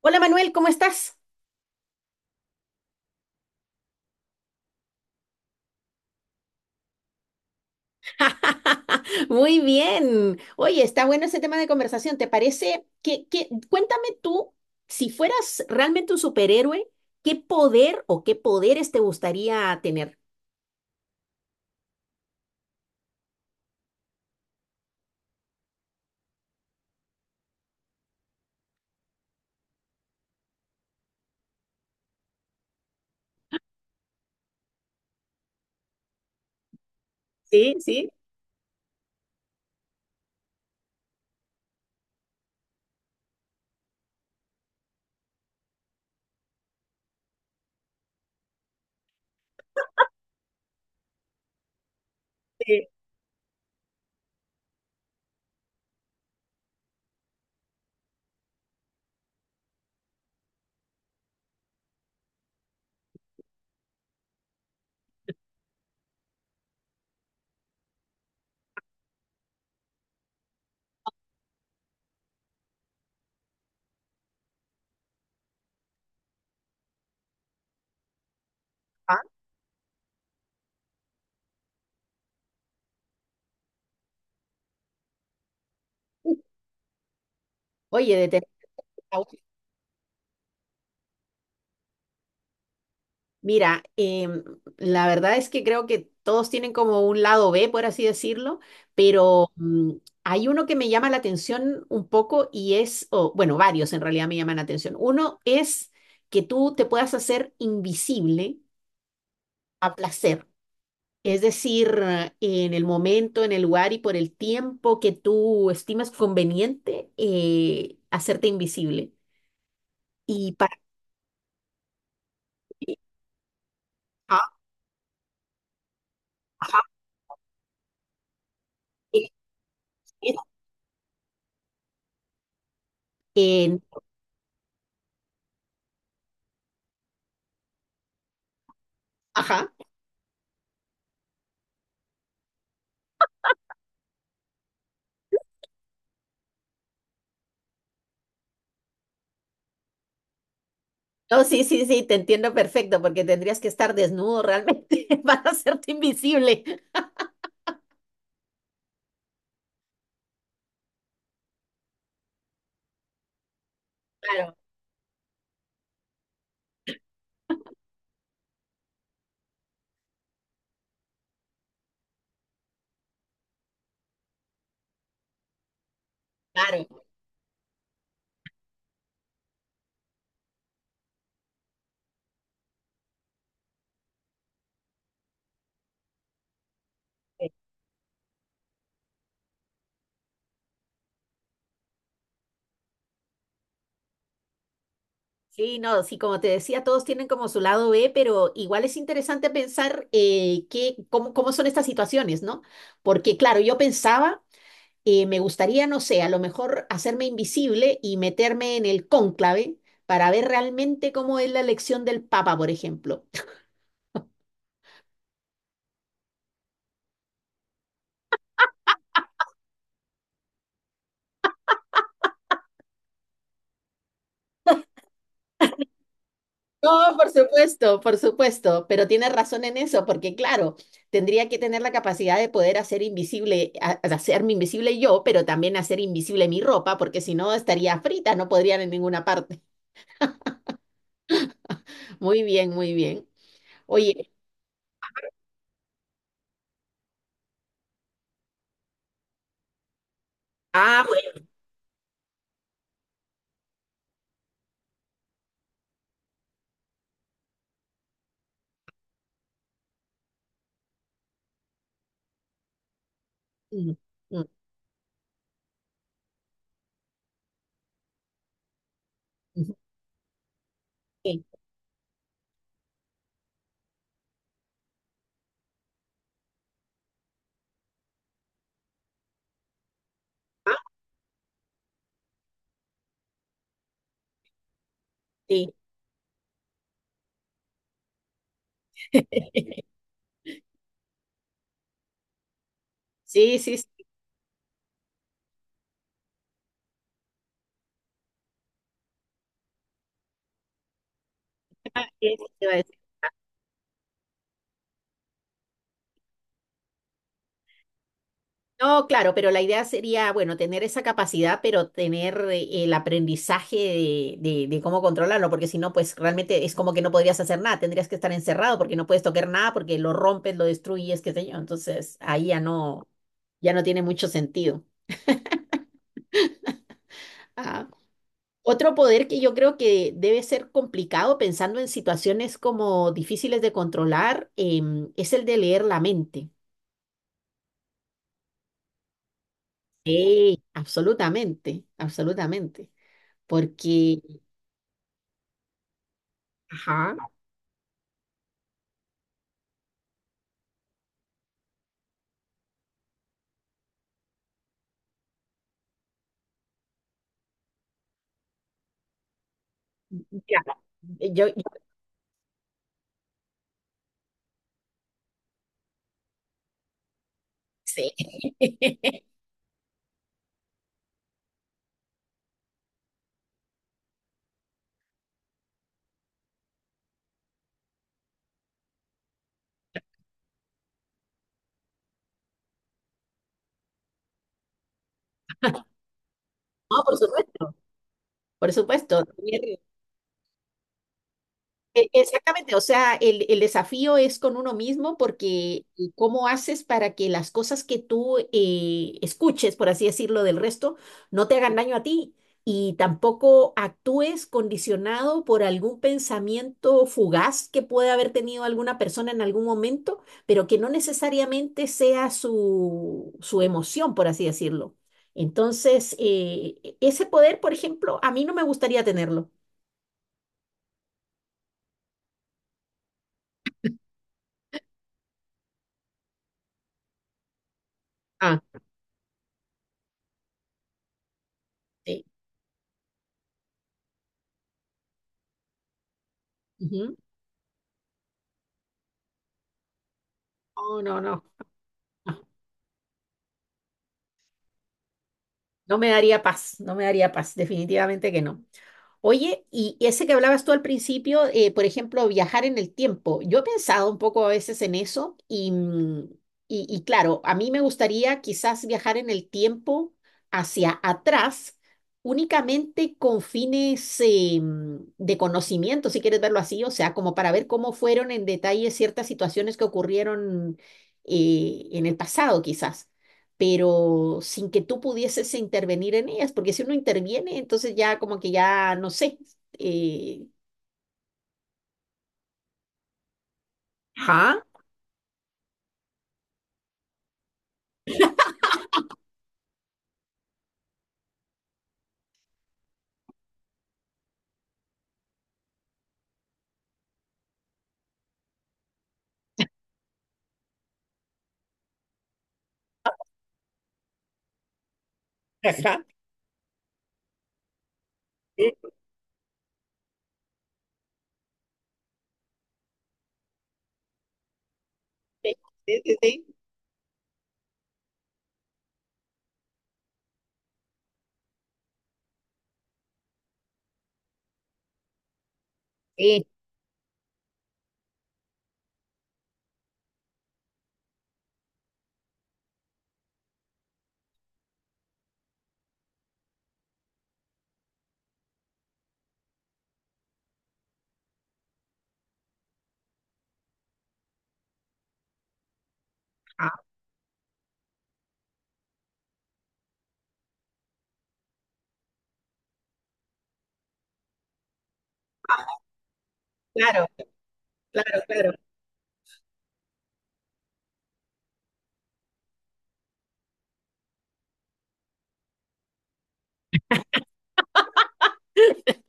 Hola Manuel, ¿cómo estás? Muy bien. Oye, está bueno ese tema de conversación. ¿Te parece cuéntame tú, si fueras realmente un superhéroe, ¿qué poder o qué poderes te gustaría tener? Sí, sí. eh, ah, Oye, de tener. Mira, la verdad es que creo que todos tienen como un lado B, por así decirlo, pero hay uno que me llama la atención un poco y es, o, bueno, varios en realidad me llaman la atención. Uno es que tú te puedas hacer invisible a placer, es decir, en el momento, en el lugar y por el tiempo que tú estimas conveniente, hacerte invisible. Y para... Ajá, ajá, eh, eh, en- ajá. No, sí, sí, sí, te entiendo perfecto, porque tendrías que estar desnudo realmente para hacerte invisible. Claro, claro. eh, Sí, no, sí, como te decía, todos tienen como su lado B, pero igual es interesante pensar cómo, cómo son estas situaciones, ¿no? Porque, claro, yo pensaba, me gustaría, no sé, a lo mejor hacerme invisible y meterme en el cónclave para ver realmente cómo es la elección del Papa, por ejemplo. No, por supuesto, pero tiene razón en eso, porque claro, tendría que tener la capacidad de poder hacer invisible, hacerme invisible yo, pero también hacer invisible mi ropa, porque si no estaría frita, no podría ir en ninguna parte. Muy bien, muy bien. Oye, ah, bueno. Mm, mm, ujú, sí, ah, sí. Sí, sí, sí, eso te iba a. No, claro, pero la idea sería, bueno, tener esa capacidad, pero tener el aprendizaje de, de cómo controlarlo, porque si no, pues realmente es como que no podrías hacer nada, tendrías que estar encerrado porque no puedes tocar nada, porque lo rompes, lo destruyes, qué sé yo. Entonces, ahí ya no, ya no tiene mucho sentido. Ah, otro poder que yo creo que debe ser complicado pensando en situaciones como difíciles de controlar, es el de leer la mente. Sí, absolutamente, absolutamente. Porque, ajá. Mira, yo sí. No, por supuesto, por supuesto. Exactamente, o sea, el desafío es con uno mismo porque cómo haces para que las cosas que tú escuches, por así decirlo, del resto, no te hagan daño a ti y tampoco actúes condicionado por algún pensamiento fugaz que puede haber tenido alguna persona en algún momento, pero que no necesariamente sea su, su emoción, por así decirlo. Entonces, ese poder, por ejemplo, a mí no me gustaría tenerlo. Ah, sí. No, no, no. No, no me daría paz, no me daría paz, definitivamente que no. Oye, y ese que hablabas tú al principio, por ejemplo, viajar en el tiempo, yo he pensado un poco a veces en eso y claro, a mí me gustaría quizás viajar en el tiempo hacia atrás, únicamente con fines de conocimiento, si quieres verlo así, o sea, como para ver cómo fueron en detalle ciertas situaciones que ocurrieron en el pasado, quizás, pero sin que tú pudieses intervenir en ellas, porque si uno interviene, entonces ya como que ya, no sé. eh, Ajá, ajá. Sí, sí, sí, sí, sí, ajá. Claro, claro, claro,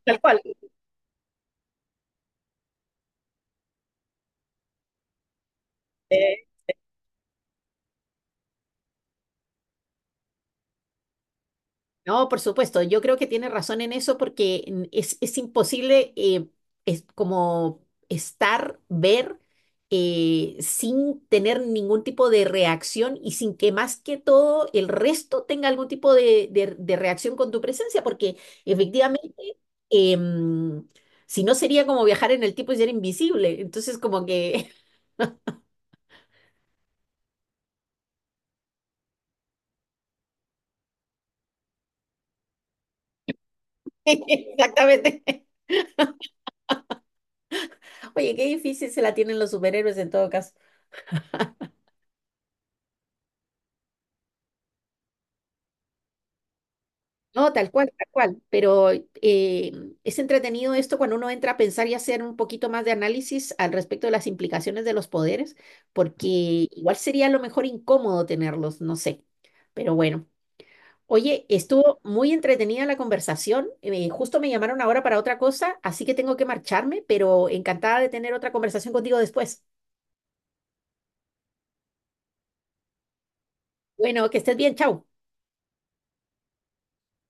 tal cual. No, por supuesto, yo creo que tiene razón en eso porque es imposible es como estar, ver, sin tener ningún tipo de reacción y sin que más que todo el resto tenga algún tipo de, de reacción con tu presencia, porque efectivamente, eh, mm, si no sería como viajar en el tiempo y ser invisible, entonces como que, exactamente, oye, qué difícil se la tienen los superhéroes en todo caso. No, tal cual, tal cual. Pero es entretenido esto cuando uno entra a pensar y hacer un poquito más de análisis al respecto de las implicaciones de los poderes, porque igual sería a lo mejor incómodo tenerlos, no sé. Pero bueno, oye, estuvo muy entretenida la conversación. Justo me llamaron ahora para otra cosa, así que tengo que marcharme, pero encantada de tener otra conversación contigo después. Bueno, que estés bien, chao.